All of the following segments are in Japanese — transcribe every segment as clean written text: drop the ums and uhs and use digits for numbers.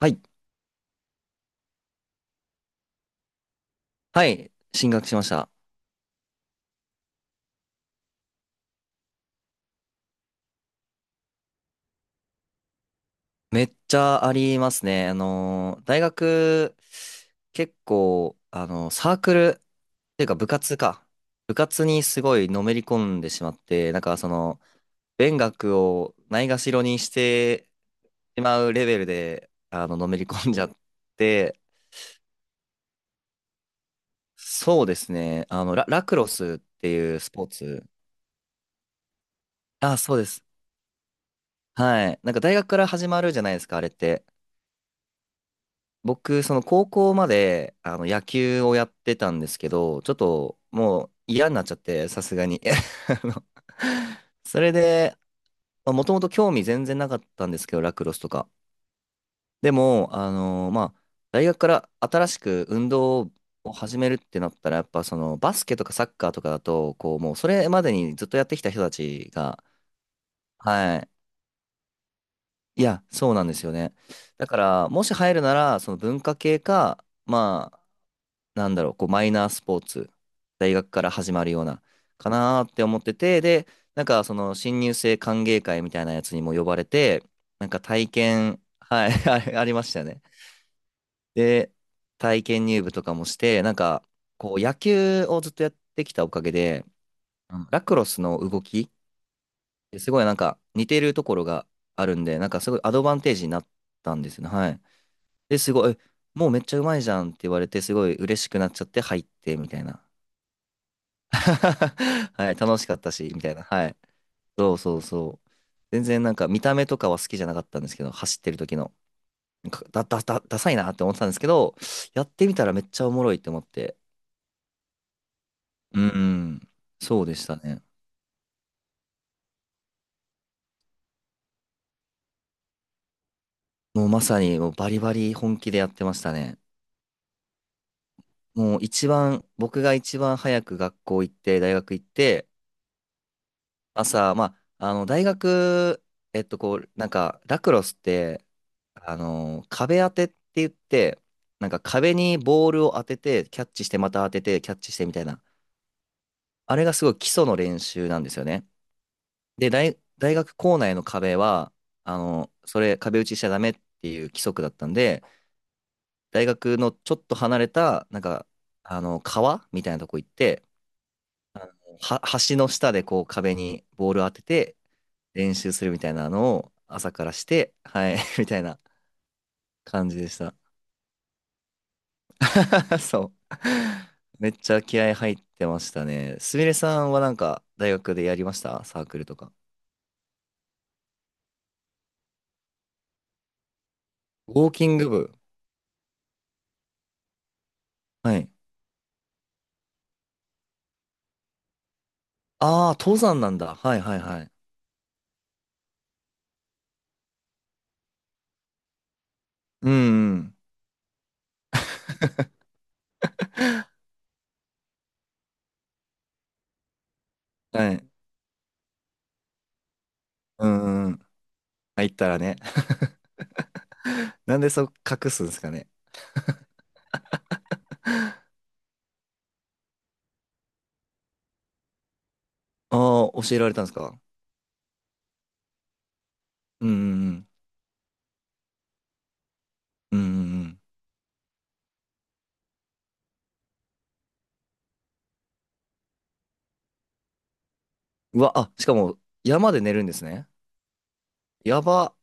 はい。はい。進学しました。めっちゃありますね。大学、結構、サークル、っていうか部活か。部活にすごいのめり込んでしまって、なんかその、勉学をないがしろにしてしまうレベルで、のめり込んじゃって、そうですね。ラクロスっていうスポーツ。あ、そうです。はい。なんか大学から始まるじゃないですか、あれって。僕、その高校まで野球をやってたんですけど、ちょっともう嫌になっちゃって、さすがに。あのそれで、もともと興味全然なかったんですけど、ラクロスとか。でも、まあ、大学から新しく運動を始めるってなったら、やっぱそのバスケとかサッカーとかだと、こう、もうそれまでにずっとやってきた人たちが。はい。いや、そうなんですよね。だから、もし入るなら、その文化系か、まあ、なんだろう、こうマイナースポーツ、大学から始まるような、かなーって思ってて、で、なんかその新入生歓迎会みたいなやつにも呼ばれて、なんか体験、はい、あれありましたよね。で、体験入部とかもして、なんか、こう野球をずっとやってきたおかげで、ラクロスの動き、すごいなんか似てるところがあるんで、なんかすごいアドバンテージになったんですよね。はい。で、すごい、もうめっちゃうまいじゃんって言われて、すごい嬉しくなっちゃって入ってみたいな。 はい、楽しかったし、みたいな。はい。そうそうそう。全然なんか見た目とかは好きじゃなかったんですけど、走ってる時の。なんかだ、だ、だ、ダサいなって思ってたんですけど、やってみたらめっちゃおもろいって思って。うん、うん。そうでしたね。もうまさにもうバリバリ本気でやってましたね。もう一番、僕が一番早く学校行って、大学行って、朝、まあ、大学、こう、なんか、ラクロスって、壁当てって言って、なんか壁にボールを当てて、キャッチして、また当てて、キャッチしてみたいな。あれがすごい基礎の練習なんですよね。で、大学校内の壁は、壁打ちしちゃダメっていう規則だったんで、大学のちょっと離れた、なんか、川みたいなとこ行って、は、橋の下でこう壁にボールを当てて、練習するみたいなのを朝からして、はい、みたいな感じでした。そう。めっちゃ気合入ってましたね。すみれさんはなんか大学でやりましたサークルとか？ウォーキング部。はい。ああ、登山なんだ。はいはいはい。うんうん。はい。うんうん。入ったらね。なんでそう隠すんですかね。ああ、教えられたんですか。うんうんうん。うんうんうん。うわ、あ、しかも山で寝るんですね。やば、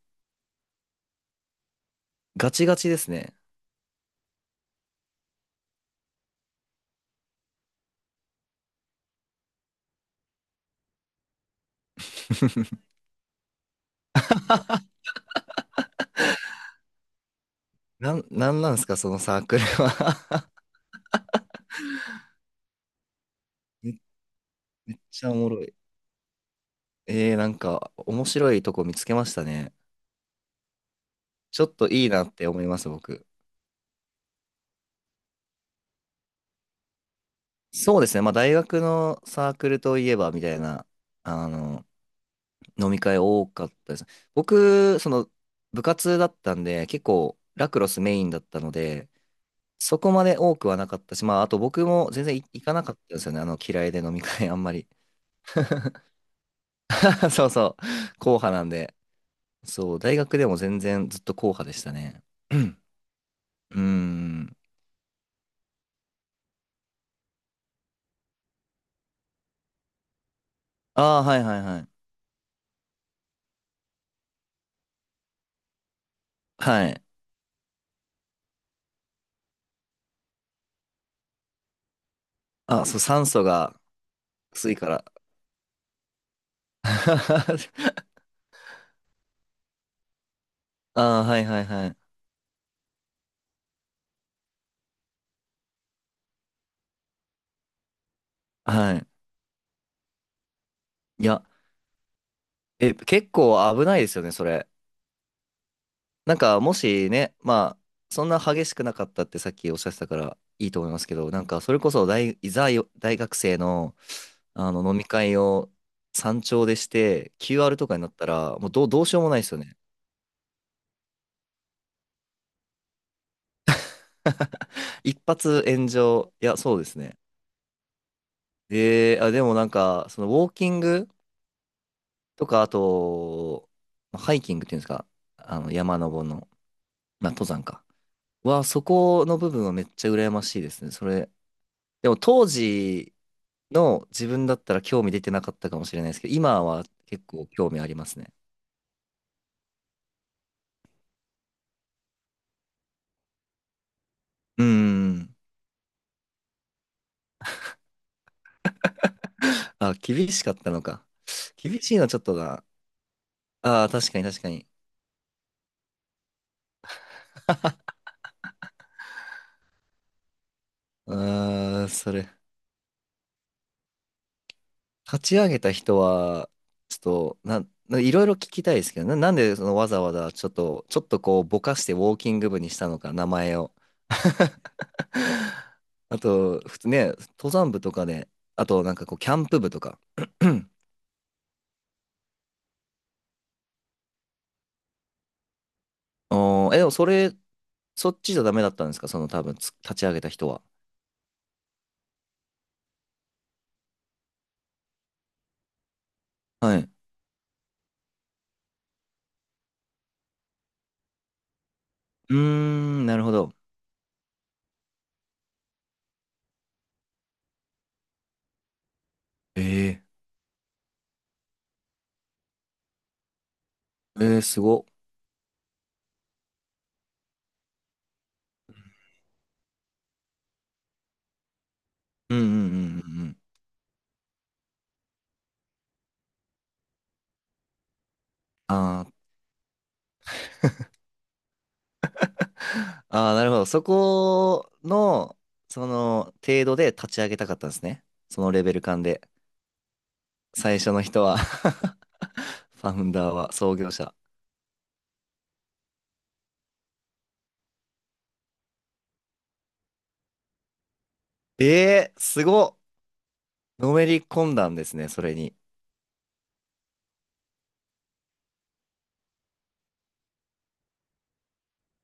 ガチガチですね。なんなんですか、そのサークルは？ めっちゃおもろい。なんか、面白いとこ見つけましたね。ちょっといいなって思います、僕。そうですね、まあ、大学のサークルといえば、みたいな、あの、飲み会多かったです。僕、その、部活だったんで、結構、ラクロスメインだったので、そこまで多くはなかったし、まあ、あと僕も全然行かなかったんですよね、嫌いで飲み会あんまり。そうそう、硬派なんで。そう、大学でも全然ずっと硬派でしたね。うん、うーん。ああ、はいはいはい。はい。あ、そう、酸素が薄いから。ああ、はいはいはい。はい。いや、結構危ないですよね、それ。なんか、もしね、まあ、そんな激しくなかったってさっきおっしゃってたからいいと思いますけど、なんか、それこそ大、いざよ大学生の、飲み会を山頂でして、QR とかになったら、もうどうしようもないですよね。一発炎上。いや、そうですね。あ、でもなんか、そのウォーキングとか、あと、ハイキングっていうんですか、山登りの、まあ、登山か。は、そこの部分はめっちゃ羨ましいですね。それ、でも当時の自分だったら興味出てなかったかもしれないですけど、今は結構興味ありますね。うーん。あ、厳しかったのか。厳しいのはちょっとな。ああ、確かに確かに。うーん、それ。立ち上げた人は、ちょっと、なん、ないろいろ聞きたいですけど、なんでそのわざわざちょっとこうぼかしてウォーキング部にしたのか、名前を。あと、普通ね、登山部とかで、あとなんかこう、キャンプ部とか。おーえ、でもそれ、そっちじゃダメだったんですか、その多分、立ち上げた人は。はい。うーん、なるほど。えすご。うんうんうんうんうん。ああ、ああ、なるほど。そこの、その程度で立ち上げたかったんですね。そのレベル感で。最初の人は。 ファウンダーは創業者。ええー、すごっ。のめり込んだんですね、それに。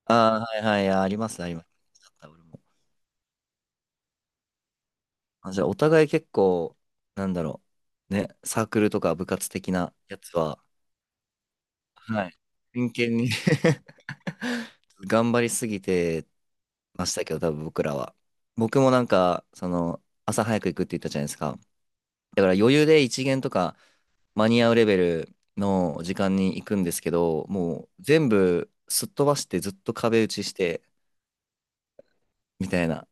ああ、はいはい、あります、あります。あった俺も。あ、じゃあ、お互い結構、なんだろう。ね、サークルとか部活的なやつは、はい、真剣に 頑張りすぎてましたけど、多分僕らは。僕もなんか、その、朝早く行くって言ったじゃないですか。だから余裕で一限とか間に合うレベルの時間に行くんですけど、もう全部すっ飛ばしてずっと壁打ちして、みたいな。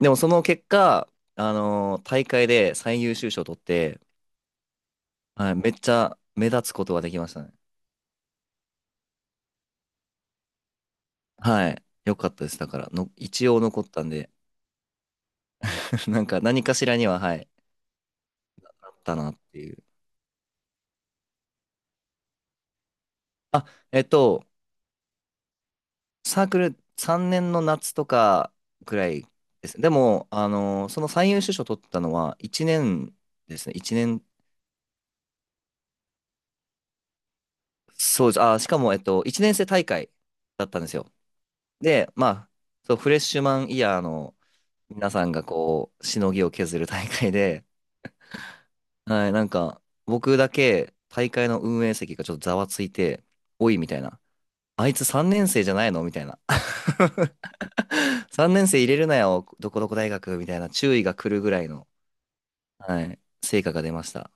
でもその結果、大会で最優秀賞を取って、はい、めっちゃ目立つことができましたね。はい。よかったです。だからの、一応残ったんで、なんか何かしらには、はい、あったなっていう。あ、えっと、サークル3年の夏とかくらいです。でも、その最優秀賞取ったのは1年ですね。そうです。あ、しかも、1年生大会だったんですよ。で、まあ、そう、フレッシュマンイヤーの皆さんがこう、しのぎを削る大会で、はい、なんか、僕だけ大会の運営席がちょっとざわついて、おい、みたいな。あいつ3年生じゃないのみたいな。3年生入れるなよ、どこどこ大学みたいな注意が来るぐらいの。はい。成果が出ました。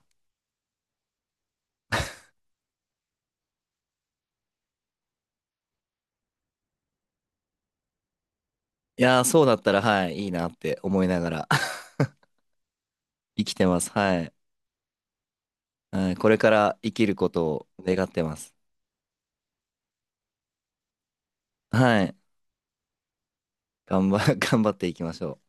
いやー、そうだったら、はい、いいなって思いながら 生きてます。はい。はい、これから生きることを願ってます。はい。頑張っていきましょう。